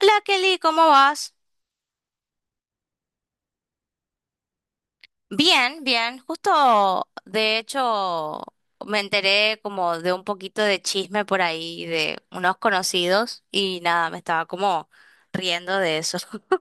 Hola Kelly, ¿cómo vas? Bien, bien. Justo, de hecho, me enteré como de un poquito de chisme por ahí de unos conocidos y nada, me estaba como riendo de eso.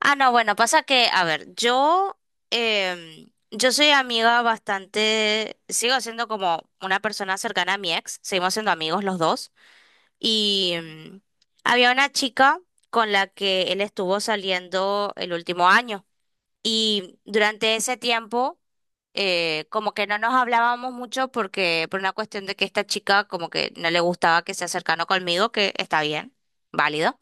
Ah, no, bueno, pasa que, a ver, yo, yo soy amiga bastante, sigo siendo como una persona cercana a mi ex, seguimos siendo amigos los dos y había una chica con la que él estuvo saliendo el último año. Y durante ese tiempo, como que no nos hablábamos mucho porque, por una cuestión de que esta chica como que no le gustaba que se acercara conmigo, que está bien, válido.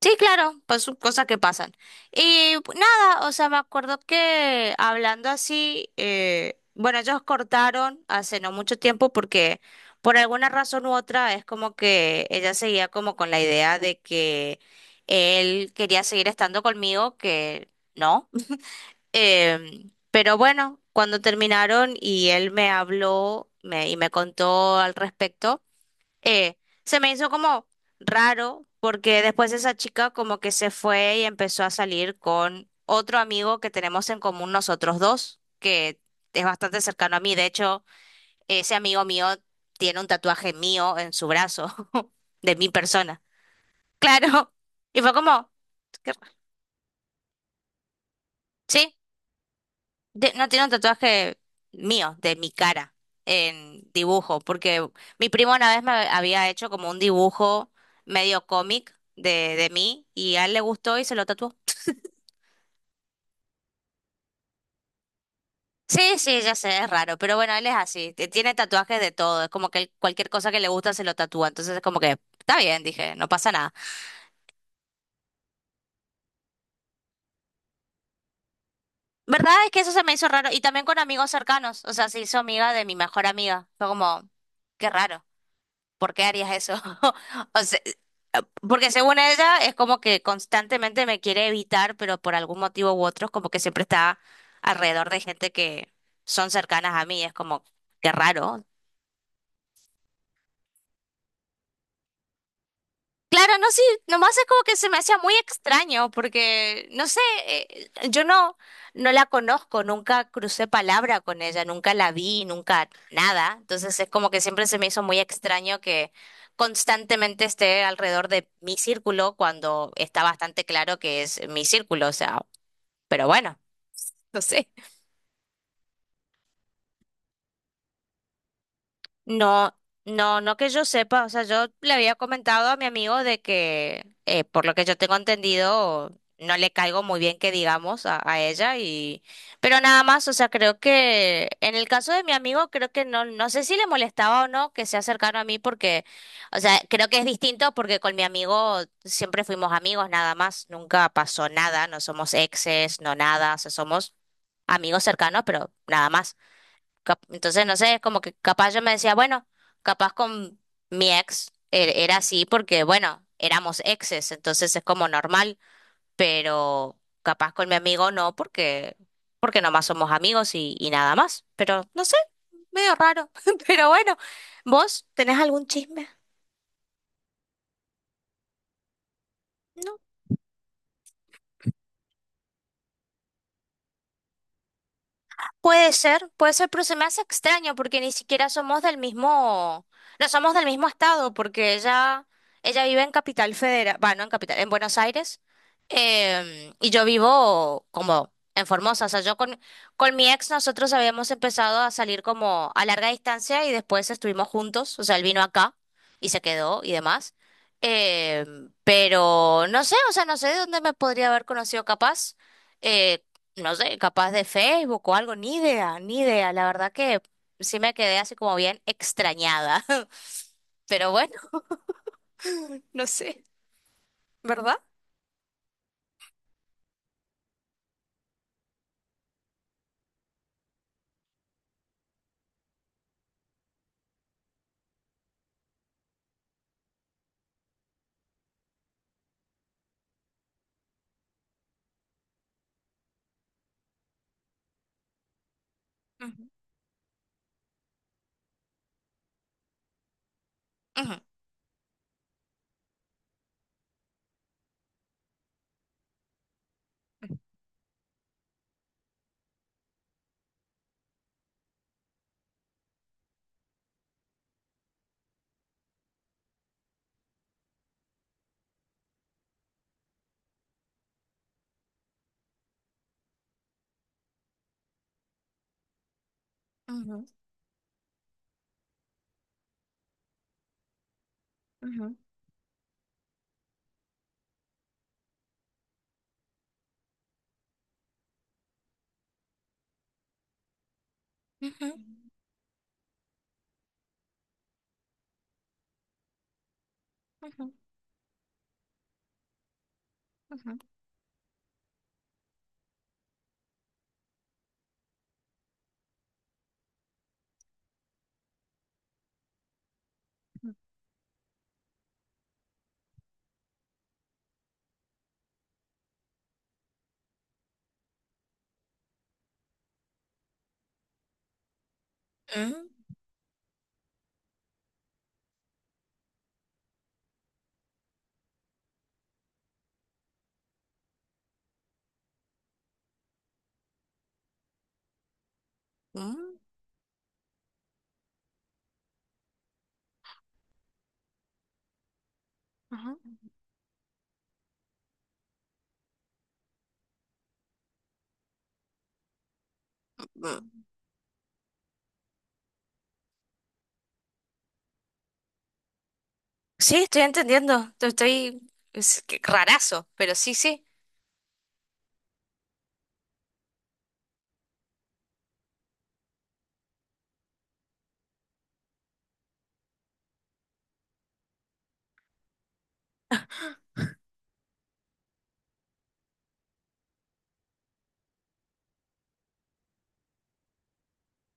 Sí, claro, pues son cosas que pasan. Y pues, nada, o sea, me acuerdo que hablando así, bueno, ellos cortaron hace no mucho tiempo porque por alguna razón u otra es como que ella seguía como con la idea de que él quería seguir estando conmigo, que no. Pero bueno, cuando terminaron y él me habló y me contó al respecto, eh, se me hizo como raro porque después esa chica como que se fue y empezó a salir con otro amigo que tenemos en común nosotros dos, que es bastante cercano a mí. De hecho, ese amigo mío tiene un tatuaje mío en su brazo, de mi persona. Claro. Y fue como... sí. No tiene un tatuaje mío, de mi cara, en dibujo, porque mi primo una vez me había hecho como un dibujo medio cómic de mí y a él le gustó y se lo tatuó. Sí, sí, ya sé, es raro, pero bueno, él es así, tiene tatuajes de todo, es como que él cualquier cosa que le gusta se lo tatúa, entonces es como que está bien, dije, no pasa nada. ¿Verdad? Es que eso se me hizo raro y también con amigos cercanos, o sea, se hizo amiga de mi mejor amiga, fue como, qué raro. ¿Por qué harías eso? O sea, eh, porque según ella es como que constantemente me quiere evitar, pero por algún motivo u otro es como que siempre está alrededor de gente que son cercanas a mí. Es como, qué raro. Claro, no, sí, nomás es como que se me hacía muy extraño porque, no sé, yo no, no la conozco, nunca crucé palabra con ella, nunca la vi, nunca nada, entonces es como que siempre se me hizo muy extraño que constantemente esté alrededor de mi círculo cuando está bastante claro que es mi círculo, o sea, pero bueno, no sé. No, no, no que yo sepa, o sea, yo le había comentado a mi amigo de que, por lo que yo tengo entendido, no le caigo muy bien que digamos a ella y, pero nada más, o sea, creo que en el caso de mi amigo, creo que no, no sé si le molestaba o no que sea cercano a mí porque, o sea, creo que es distinto porque con mi amigo siempre fuimos amigos nada más, nunca pasó nada, no somos exes, no nada, o sea, somos amigos cercanos, pero nada más. Entonces, no sé, es como que capaz yo me decía, bueno, capaz con mi ex era así porque, bueno, éramos exes, entonces es como normal, pero capaz con mi amigo no porque nomás somos amigos y nada más. Pero, no sé, medio raro. Pero bueno, ¿vos tenés algún chisme? No. Puede ser, puede ser, pero se me hace extraño porque ni siquiera somos del mismo, no somos del mismo estado, porque ella vive en Capital Federal, bueno, en Capital, en Buenos Aires, y yo vivo como en Formosa, o sea, con mi ex nosotros habíamos empezado a salir como a larga distancia y después estuvimos juntos, o sea, él vino acá y se quedó y demás, pero no sé, o sea, no sé de dónde me podría haber conocido capaz. eh, no sé, capaz de Facebook o algo, ni idea, ni idea. La verdad que sí me quedé así como bien extrañada. Pero bueno, no sé, ¿verdad? Ujú, ujú, ujú, ujú, ujú, ujú, ujú, mm, mm, ujú, mm. Sí, estoy entendiendo. Te Estoy, es que rarazo, pero sí, sí.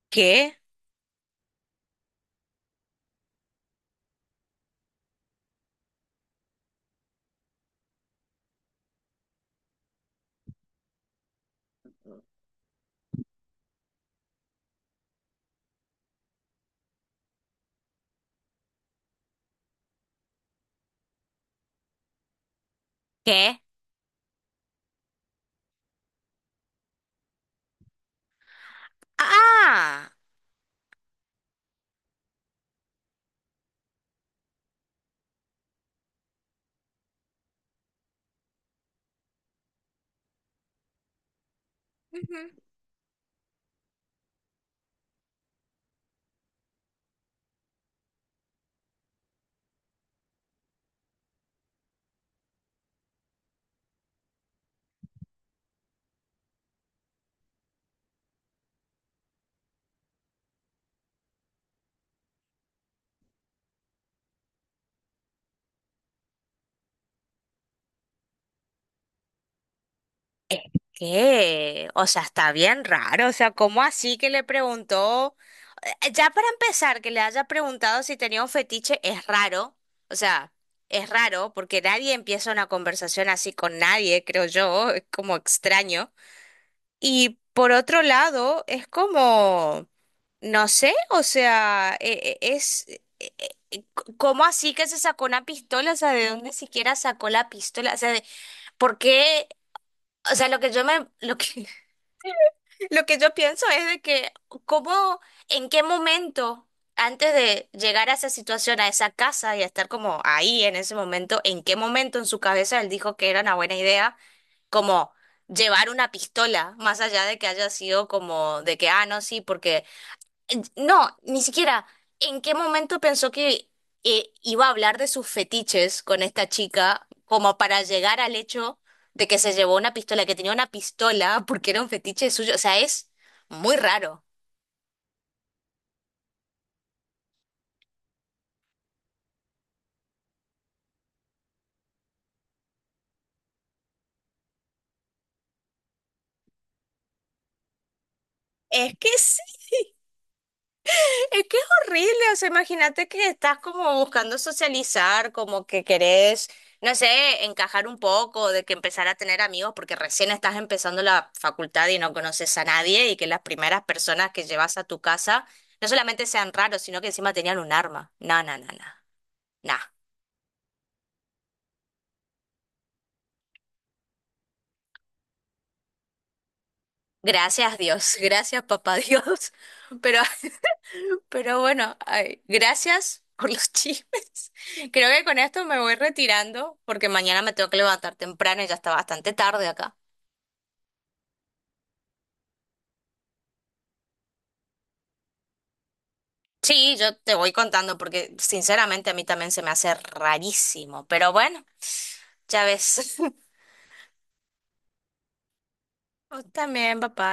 ¿Qué? ¿Qué? Ah. ¿Qué? O sea, está bien raro. O sea, ¿cómo así que le preguntó? Ya para empezar, que le haya preguntado si tenía un fetiche es raro. O sea, es raro porque nadie empieza una conversación así con nadie, creo yo. Es como extraño. Y por otro lado, es como, no sé, o sea, es... ¿Cómo así que se sacó una pistola? O sea, ¿de dónde siquiera sacó la pistola? O sea, ¿por qué? O sea, lo que, lo que yo pienso es de que, ¿cómo, en qué momento, antes de llegar a esa situación, a esa casa y a estar como ahí en ese momento, en qué momento en su cabeza él dijo que era una buena idea, como llevar una pistola, más allá de que haya sido como de que, ah, no, sí, porque no, ni siquiera. ¿En qué momento pensó que iba a hablar de sus fetiches con esta chica como para llegar al hecho de que se llevó una pistola, que tenía una pistola porque era un fetiche suyo? O sea, es muy raro. Es que sí, es que es horrible, o sea, imagínate que estás como buscando socializar, como que querés, no sé, encajar un poco, de que empezar a tener amigos, porque recién estás empezando la facultad y no conoces a nadie, y que las primeras personas que llevas a tu casa no solamente sean raros, sino que encima tenían un arma. No, no, no, no, no. Gracias Dios, gracias papá Dios, pero pero bueno, ay, gracias por los chismes. Creo que con esto me voy retirando porque mañana me tengo que levantar temprano y ya está bastante tarde acá. Sí, yo te voy contando porque sinceramente a mí también se me hace rarísimo. Pero bueno, ya ves. Vos también, papá.